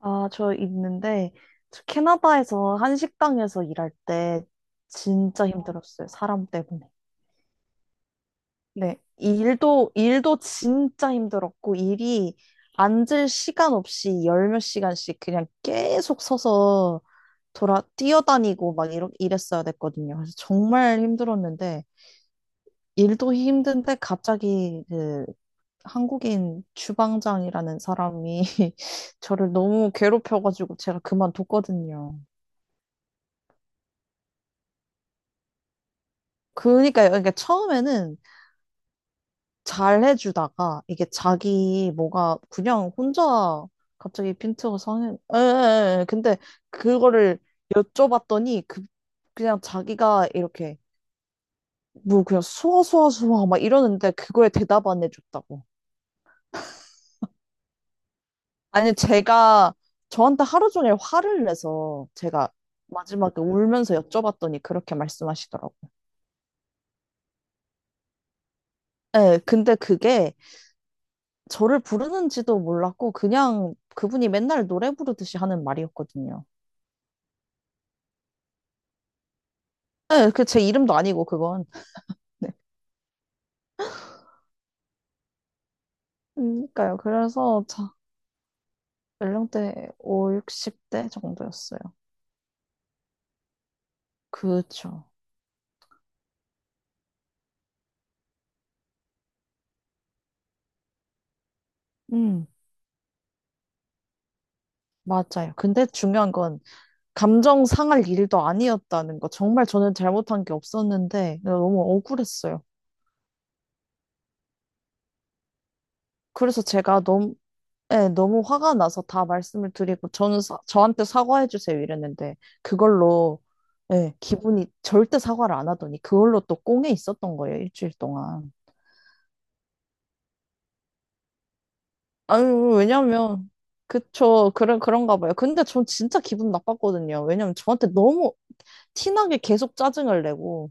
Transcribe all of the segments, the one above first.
아, 저 있는데, 저 캐나다에서 한 식당에서 일할 때 진짜 힘들었어요. 사람 때문에. 네. 일도 진짜 힘들었고, 일이 앉을 시간 없이 열몇 시간씩 그냥 계속 서서 뛰어다니고 막 이랬어야 됐거든요. 그래서 정말 힘들었는데, 일도 힘든데 갑자기 그 한국인 주방장이라는 사람이 저를 너무 괴롭혀가지고 제가 그만뒀거든요. 그러니까요. 그러니까 처음에는 잘 해주다가 이게 자기 뭐가 그냥 혼자 갑자기 핀트가 상해. 에 에에. 근데 그거를 여쭤봤더니 그 그냥 자기가 이렇게 뭐 그냥 수아 수아 수아 막 이러는데 그거에 대답 안 해줬다고. 아니 제가 저한테 하루 종일 화를 내서 제가 마지막에 울면서 여쭤봤더니 그렇게 말씀하시더라고. 예, 근데 그게 저를 부르는지도 몰랐고 그냥 그분이 맨날 노래 부르듯이 하는 말이었거든요. 네, 그 제 이름도 아니고 그건. 네. 그러니까요. 그래서 자, 연령대 5, 60대 정도였어요. 그쵸. 음, 맞아요. 근데 중요한 건 감정 상할 일도 아니었다는 거. 정말 저는 잘못한 게 없었는데 너무 억울했어요. 그래서 제가 너무 네, 너무 화가 나서 다 말씀을 드리고, 저는 저한테 사과해 주세요 이랬는데, 그걸로, 네, 기분이 절대 사과를 안 하더니, 그걸로 또 꽁에 있었던 거예요, 일주일 동안. 아유, 왜냐면, 그쵸, 그런가 봐요. 근데 전 진짜 기분 나빴거든요. 왜냐면 저한테 너무 티나게 계속 짜증을 내고,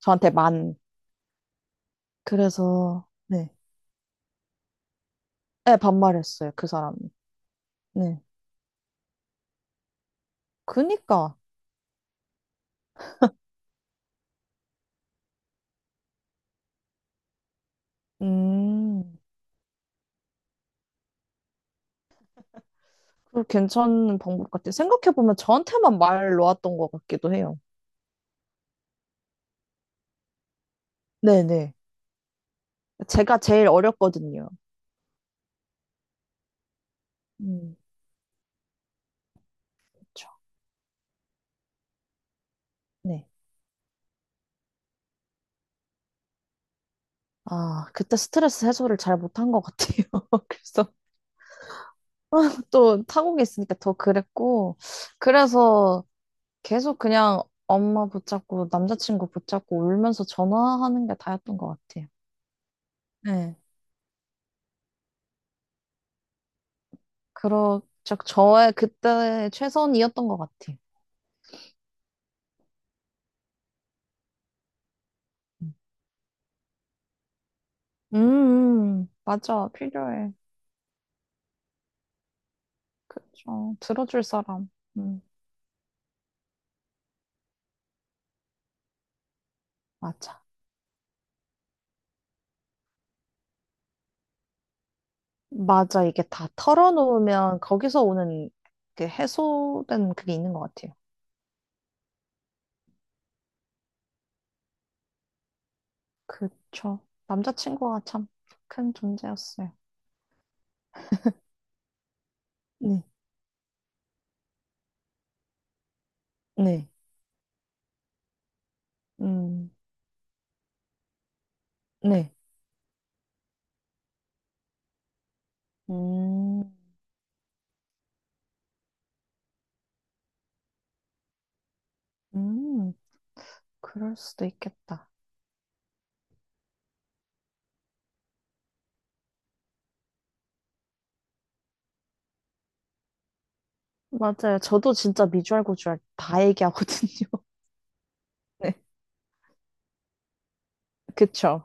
저한테 만. 그래서, 네, 네, 반말했어요, 그 사람이. 네. 그니까, 음. 그 괜찮은 방법 같아요. 생각해보면 저한테만 말 놓았던 것 같기도 해요. 네네. 제가 제일 어렸거든요. 음, 그죠 네. 아, 그때 스트레스 해소를 잘 못한 것 같아요. 그래서 또 타국에 있으니까 더 그랬고, 그래서 계속 그냥 엄마 붙잡고 남자친구 붙잡고 울면서 전화하는 게 다였던 것 같아요. 네. 그러, 저의 그때 최선이었던 것 같아요. 음, 음, 맞아. 필요해. 그죠. 들어줄 사람. 음, 맞아. 맞아. 이게 다 털어놓으면 거기서 오는 그 해소된 그게 있는 것 같아요. 그쵸. 남자친구가 참 큰 존재였어요. 네. 네. 음, 네. 음, 음, 그럴 수도 있겠다. 맞아요. 저도 진짜 미주알 고주알 다 얘기하거든요. 네. 그쵸?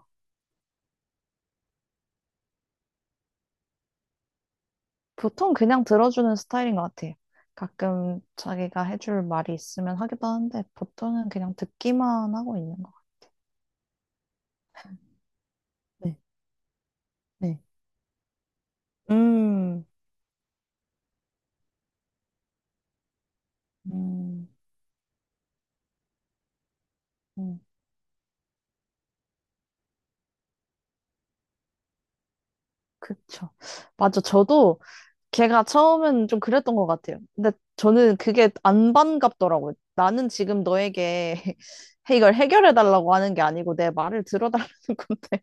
보통 그냥 들어주는 스타일인 것 같아요. 가끔 자기가 해줄 말이 있으면 하기도 하는데 보통은 그냥 듣기만 하고 있는 것 같아요. 네, 네. 음, 음, 그쵸. 맞아. 저도 걔가 처음엔 좀 그랬던 것 같아요. 근데 저는 그게 안 반갑더라고요. 나는 지금 너에게 이걸 해결해 달라고 하는 게 아니고 내 말을 들어달라는 건데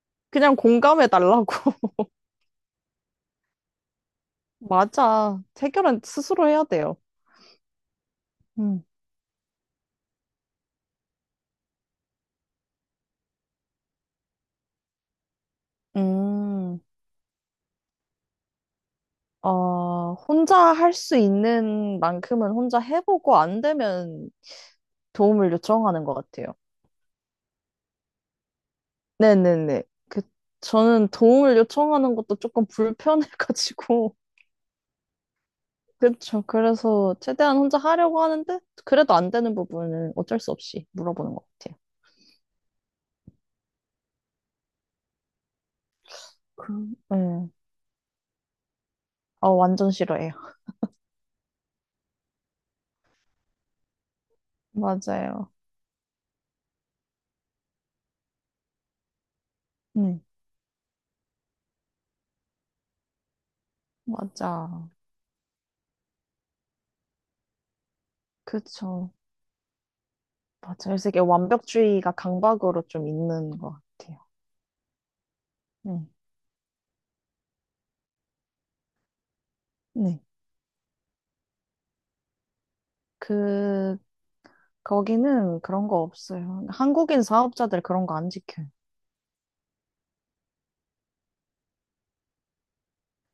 그냥 공감해 달라고. 맞아. 해결은 스스로 해야 돼요. 음. 음. 어, 혼자 할 수 있는 만큼은 혼자 해보고 안 되면 도움을 요청하는 것 같아요. 네네네. 그, 저는 도움을 요청하는 것도 조금 불편해가지고. 그쵸. 그래서 최대한 혼자 하려고 하는데, 그래도 안 되는 부분은 어쩔 수 없이 물어보는 것 같아요. 그, 네. 아, 완전 싫어해요. 맞아요. 음, 맞아. 그쵸. 맞아요. 그래서 이게 완벽주의가 강박으로 좀 있는 것 같아요. 음, 네. 그, 거기는 그런 거 없어요. 한국인 사업자들 그런 거 안 지켜요.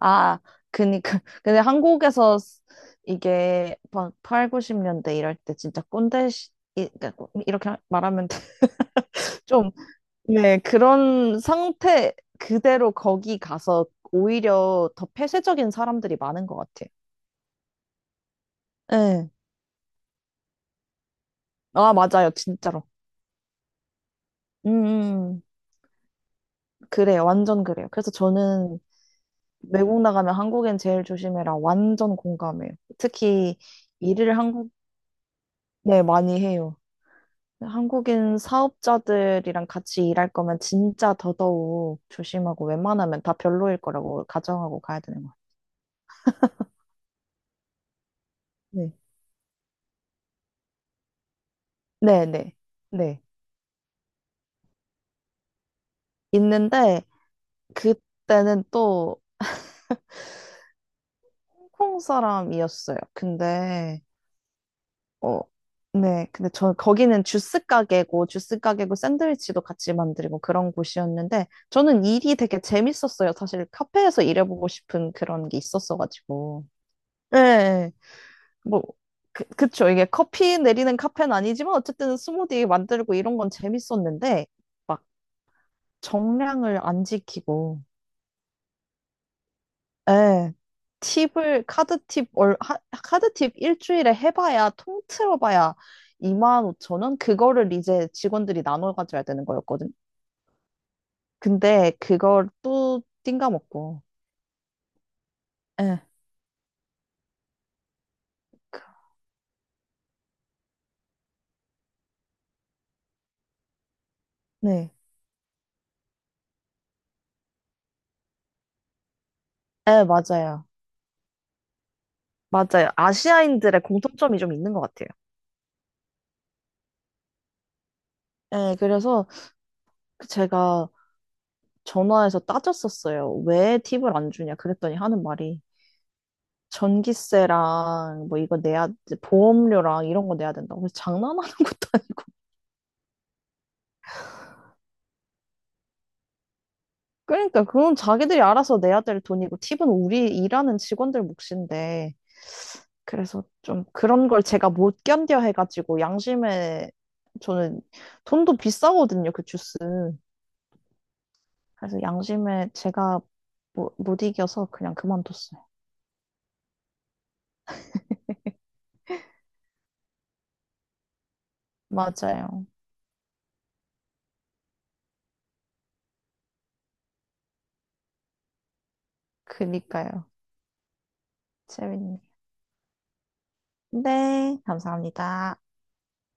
아, 그니까. 근데 한국에서 이게 막 8, 90년대 이럴 때 진짜 꼰대, 시, 그러니까 이렇게 말하면 좀, 네, 그런 상태 그대로 거기 가서 오히려 더 폐쇄적인 사람들이 많은 것 같아요. 네. 아, 맞아요. 진짜로. 음. 그래요. 완전 그래요. 그래서 저는 외국 나가면 한국엔 제일 조심해라. 완전 공감해요. 특히 일을 한국, 네, 많이 해요. 한국인 사업자들이랑 같이 일할 거면 진짜 더더욱 조심하고 웬만하면 다 별로일 거라고 가정하고 가야 되는 것 같아요. 네. 네, 네. 네. 있는데 그때는 또 홍콩 사람이었어요. 근데 어, 네. 근데 저 거기는 주스 가게고 샌드위치도 같이 만들고 그런 곳이었는데 저는 일이 되게 재밌었어요. 사실 카페에서 일해보고 싶은 그런 게 있었어가지고. 네. 뭐 그쵸. 이게 커피 내리는 카페는 아니지만 어쨌든 스무디 만들고 이런 건 재밌었는데 막 정량을 안 지키고 예. 팁을 카드 팁 얼, 하, 카드 팁 일주일에 해봐야 통틀어봐야 2만 5천 원 그거를 이제 직원들이 나눠 가져야 되는 거였거든. 근데 그걸 또 띵가먹고. 예. 그- 네. 예, 맞아요. 맞아요. 아시아인들의 공통점이 좀 있는 것 같아요. 예, 그래서 그 제가 전화해서 따졌었어요. 왜 팁을 안 주냐? 그랬더니 하는 말이 전기세랑 뭐 이거 내야 보험료랑 이런 거 내야 된다고. 그래서 장난하는 것도 그러니까 그건 자기들이 알아서 내야 될 돈이고 팁은 우리 일하는 직원들 몫인데 그래서 좀 그런 걸 제가 못 견뎌 해가지고 양심에 저는 돈도 비싸거든요 그 주스 그래서 양심에 제가 뭐, 못 이겨서 그냥 그만뒀어요 맞아요 그니까요 재밌네 네 감사합니다